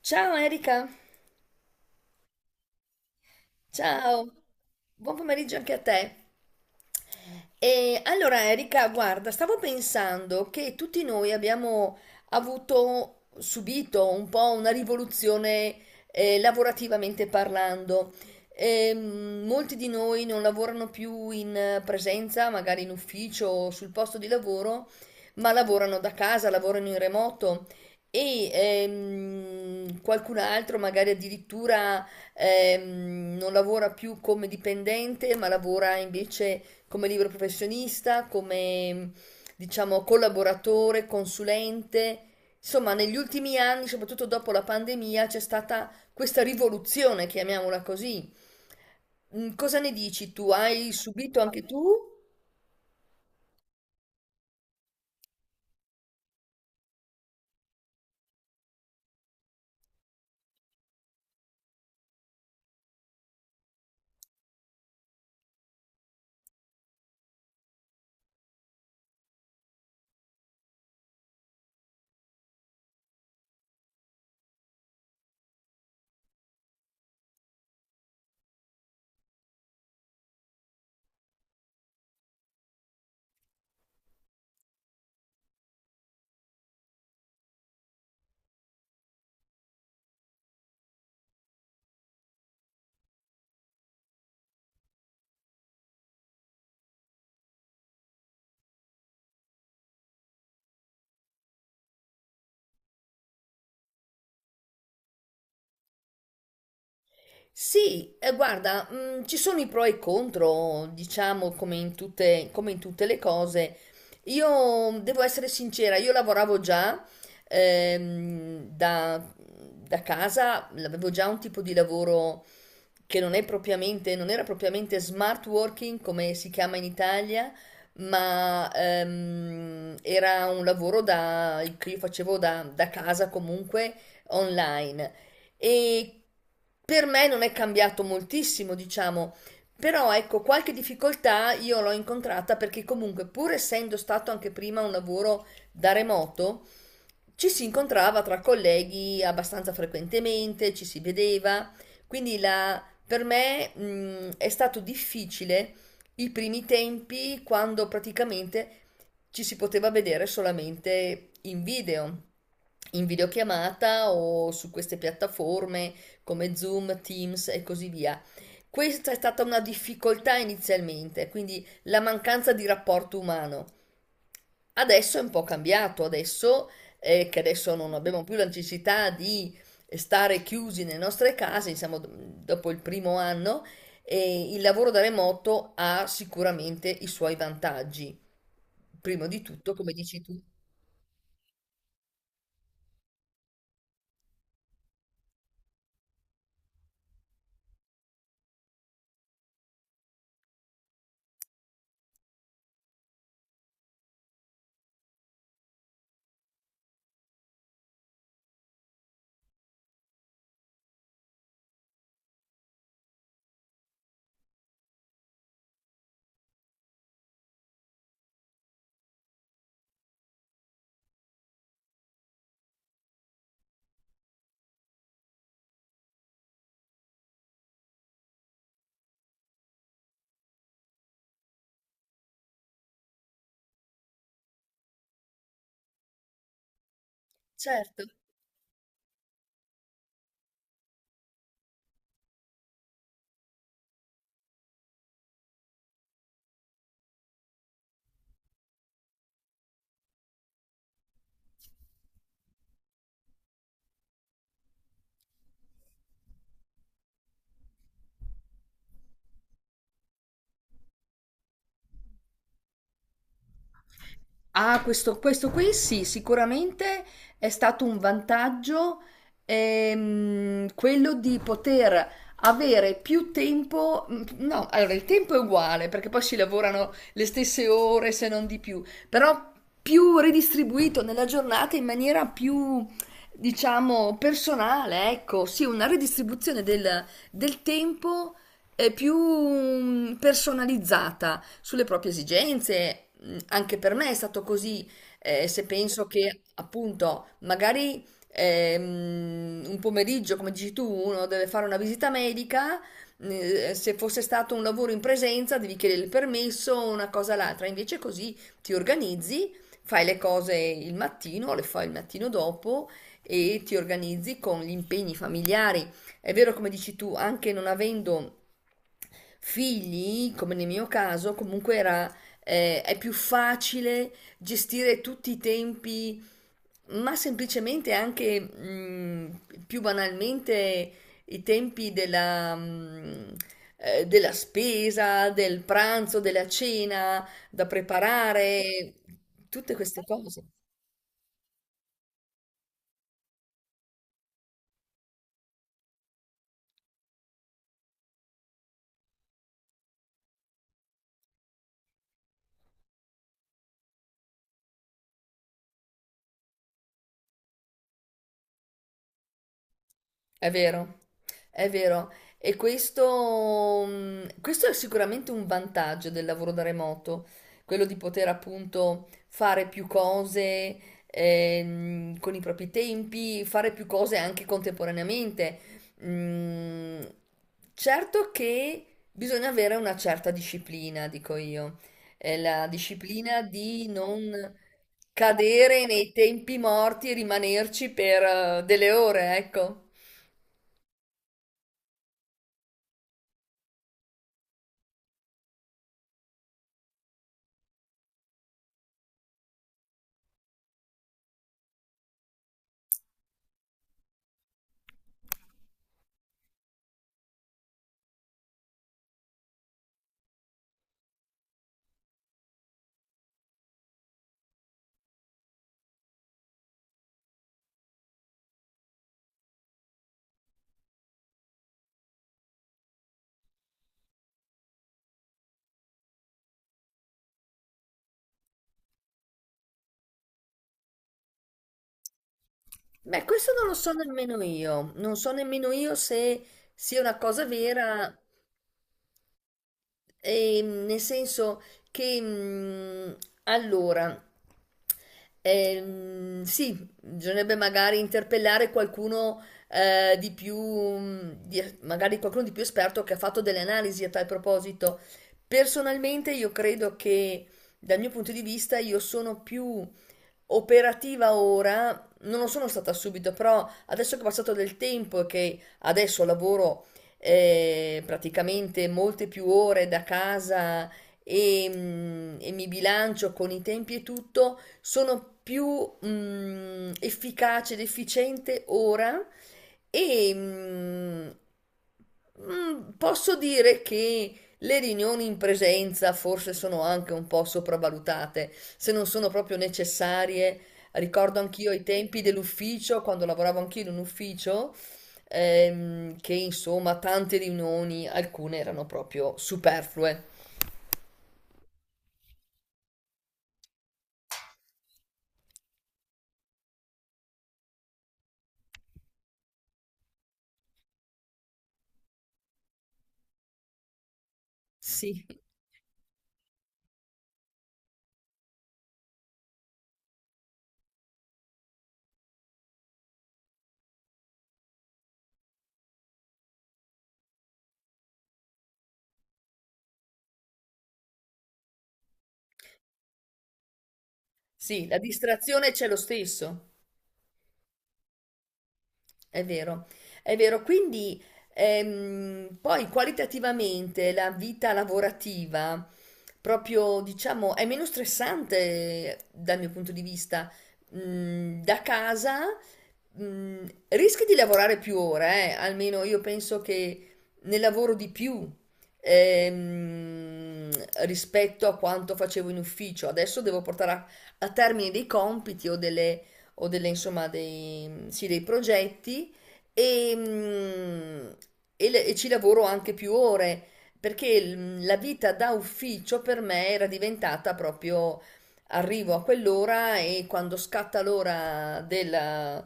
Ciao Erika, ciao, buon pomeriggio anche a te. E allora Erika, guarda, stavo pensando che tutti noi abbiamo avuto, subito un po' una rivoluzione lavorativamente parlando. Molti di noi non lavorano più in presenza, magari in ufficio o sul posto di lavoro, ma lavorano da casa, lavorano in remoto e qualcun altro magari addirittura non lavora più come dipendente, ma lavora invece come libero professionista, come diciamo collaboratore, consulente. Insomma, negli ultimi anni, soprattutto dopo la pandemia, c'è stata questa rivoluzione, chiamiamola così. Cosa ne dici tu? Hai subito anche tu? Sì, guarda, ci sono i pro e i contro, diciamo, come in tutte le cose. Io devo essere sincera, io lavoravo già ehm, da, da casa, avevo già un tipo di lavoro che non è propriamente, non era propriamente smart working, come si chiama in Italia, ma era un lavoro che io facevo da casa comunque online. E per me non è cambiato moltissimo, diciamo, però ecco, qualche difficoltà io l'ho incontrata perché comunque, pur essendo stato anche prima un lavoro da remoto, ci si incontrava tra colleghi abbastanza frequentemente, ci si vedeva, quindi per me, è stato difficile i primi tempi quando praticamente ci si poteva vedere solamente in video, in videochiamata o su queste piattaforme come Zoom, Teams e così via. Questa è stata una difficoltà inizialmente, quindi la mancanza di rapporto umano. Adesso è un po' cambiato, adesso che adesso non abbiamo più la necessità di stare chiusi nelle nostre case, siamo dopo il primo anno, e il lavoro da remoto ha sicuramente i suoi vantaggi. Prima di tutto, come dici tu, certo. Ah, questo qui sì, sicuramente è stato un vantaggio quello di poter avere più tempo. No, allora il tempo è uguale perché poi si lavorano le stesse ore se non di più, però più ridistribuito nella giornata in maniera più, diciamo, personale, ecco, sì, una ridistribuzione del tempo più personalizzata sulle proprie esigenze. Anche per me è stato così, se penso che appunto magari un pomeriggio, come dici tu, uno deve fare una visita medica, se fosse stato un lavoro in presenza devi chiedere il permesso, una cosa l'altra, invece così ti organizzi, fai le cose il mattino, le fai il mattino dopo e ti organizzi con gli impegni familiari. È vero, come dici tu, anche non avendo figli, come nel mio caso, comunque era, è più facile gestire tutti i tempi, ma semplicemente anche più banalmente i tempi della spesa, del pranzo, della cena da preparare, tutte queste cose. È vero, è vero. E questo, questo è sicuramente un vantaggio del lavoro da remoto, quello di poter appunto fare più cose con i propri tempi, fare più cose anche contemporaneamente. Mm, certo che bisogna avere una certa disciplina, dico io. È la disciplina di non cadere nei tempi morti e rimanerci per delle ore, ecco. Beh, questo non lo so nemmeno io, non so nemmeno io se sia una cosa vera, nel senso che allora, sì, bisognerebbe magari interpellare qualcuno magari qualcuno di più esperto che ha fatto delle analisi a tal proposito. Personalmente io credo che dal mio punto di vista io sono più operativa ora non lo sono stata subito, però adesso che è passato del tempo e che adesso lavoro praticamente molte più ore da casa e, e mi bilancio con i tempi e tutto, sono più efficace ed efficiente ora e posso dire che le riunioni in presenza forse sono anche un po' sopravvalutate, se non sono proprio necessarie. Ricordo anch'io i tempi dell'ufficio, quando lavoravo anch'io in un ufficio, che insomma tante riunioni, alcune erano proprio superflue. Sì, sì, la distrazione c'è lo stesso. È vero, è vero. Quindi poi qualitativamente la vita lavorativa, proprio diciamo, è meno stressante dal mio punto di vista. Da casa mm, rischi di lavorare più ore, almeno io penso che ne lavoro di più ehm, rispetto a quanto facevo in ufficio. Adesso devo portare a termine dei compiti insomma, dei, sì, dei progetti e, e e ci lavoro anche più ore perché la vita da ufficio per me era diventata proprio arrivo a quell'ora e quando scatta l'ora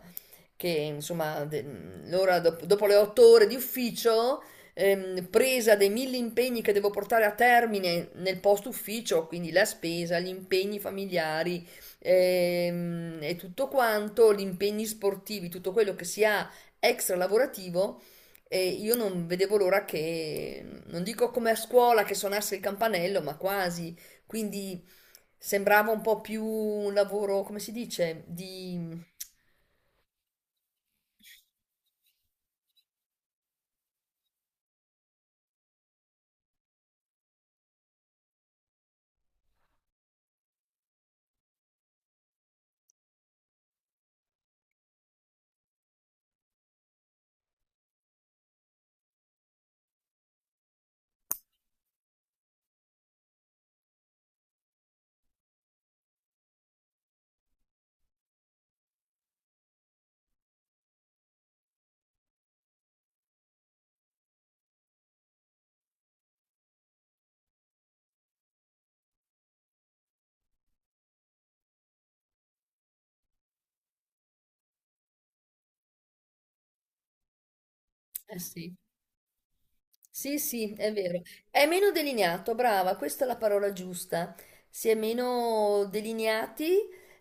che insomma, l'ora dopo le otto ore di ufficio, presa dei mille impegni che devo portare a termine nel post ufficio, quindi la spesa, gli impegni familiari, e tutto quanto, gli impegni sportivi, tutto quello che si ha extra lavorativo. E io non vedevo l'ora che, non dico come a scuola che suonasse il campanello, ma quasi. Quindi sembrava un po' più un lavoro, come si dice, di... Eh sì. Sì, sì, è vero. È meno delineato, brava, questa è la parola giusta. Si è meno delineati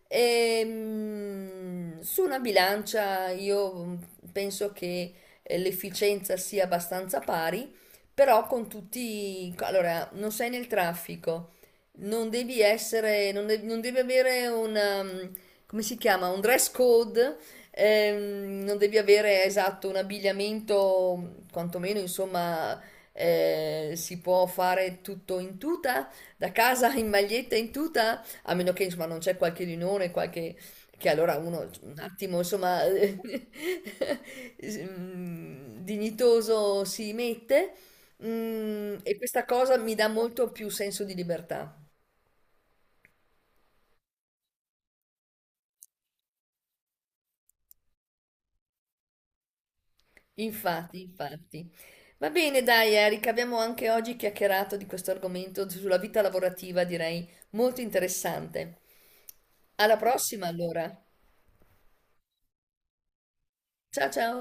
e su una bilancia io penso che l'efficienza sia abbastanza pari, però con tutti... Allora, non sei nel traffico, non devi essere, non devi, non devi avere una... come si chiama? Un dress code. Non devi avere esatto un abbigliamento, quantomeno insomma, si può fare tutto in tuta, da casa in maglietta in tuta, a meno che insomma non c'è qualche riunione, qualche che allora uno un attimo insomma dignitoso si mette e questa cosa mi dà molto più senso di libertà. Infatti, infatti. Va bene, dai, Eric, abbiamo anche oggi chiacchierato di questo argomento sulla vita lavorativa, direi molto interessante. Alla prossima, allora. Ciao ciao.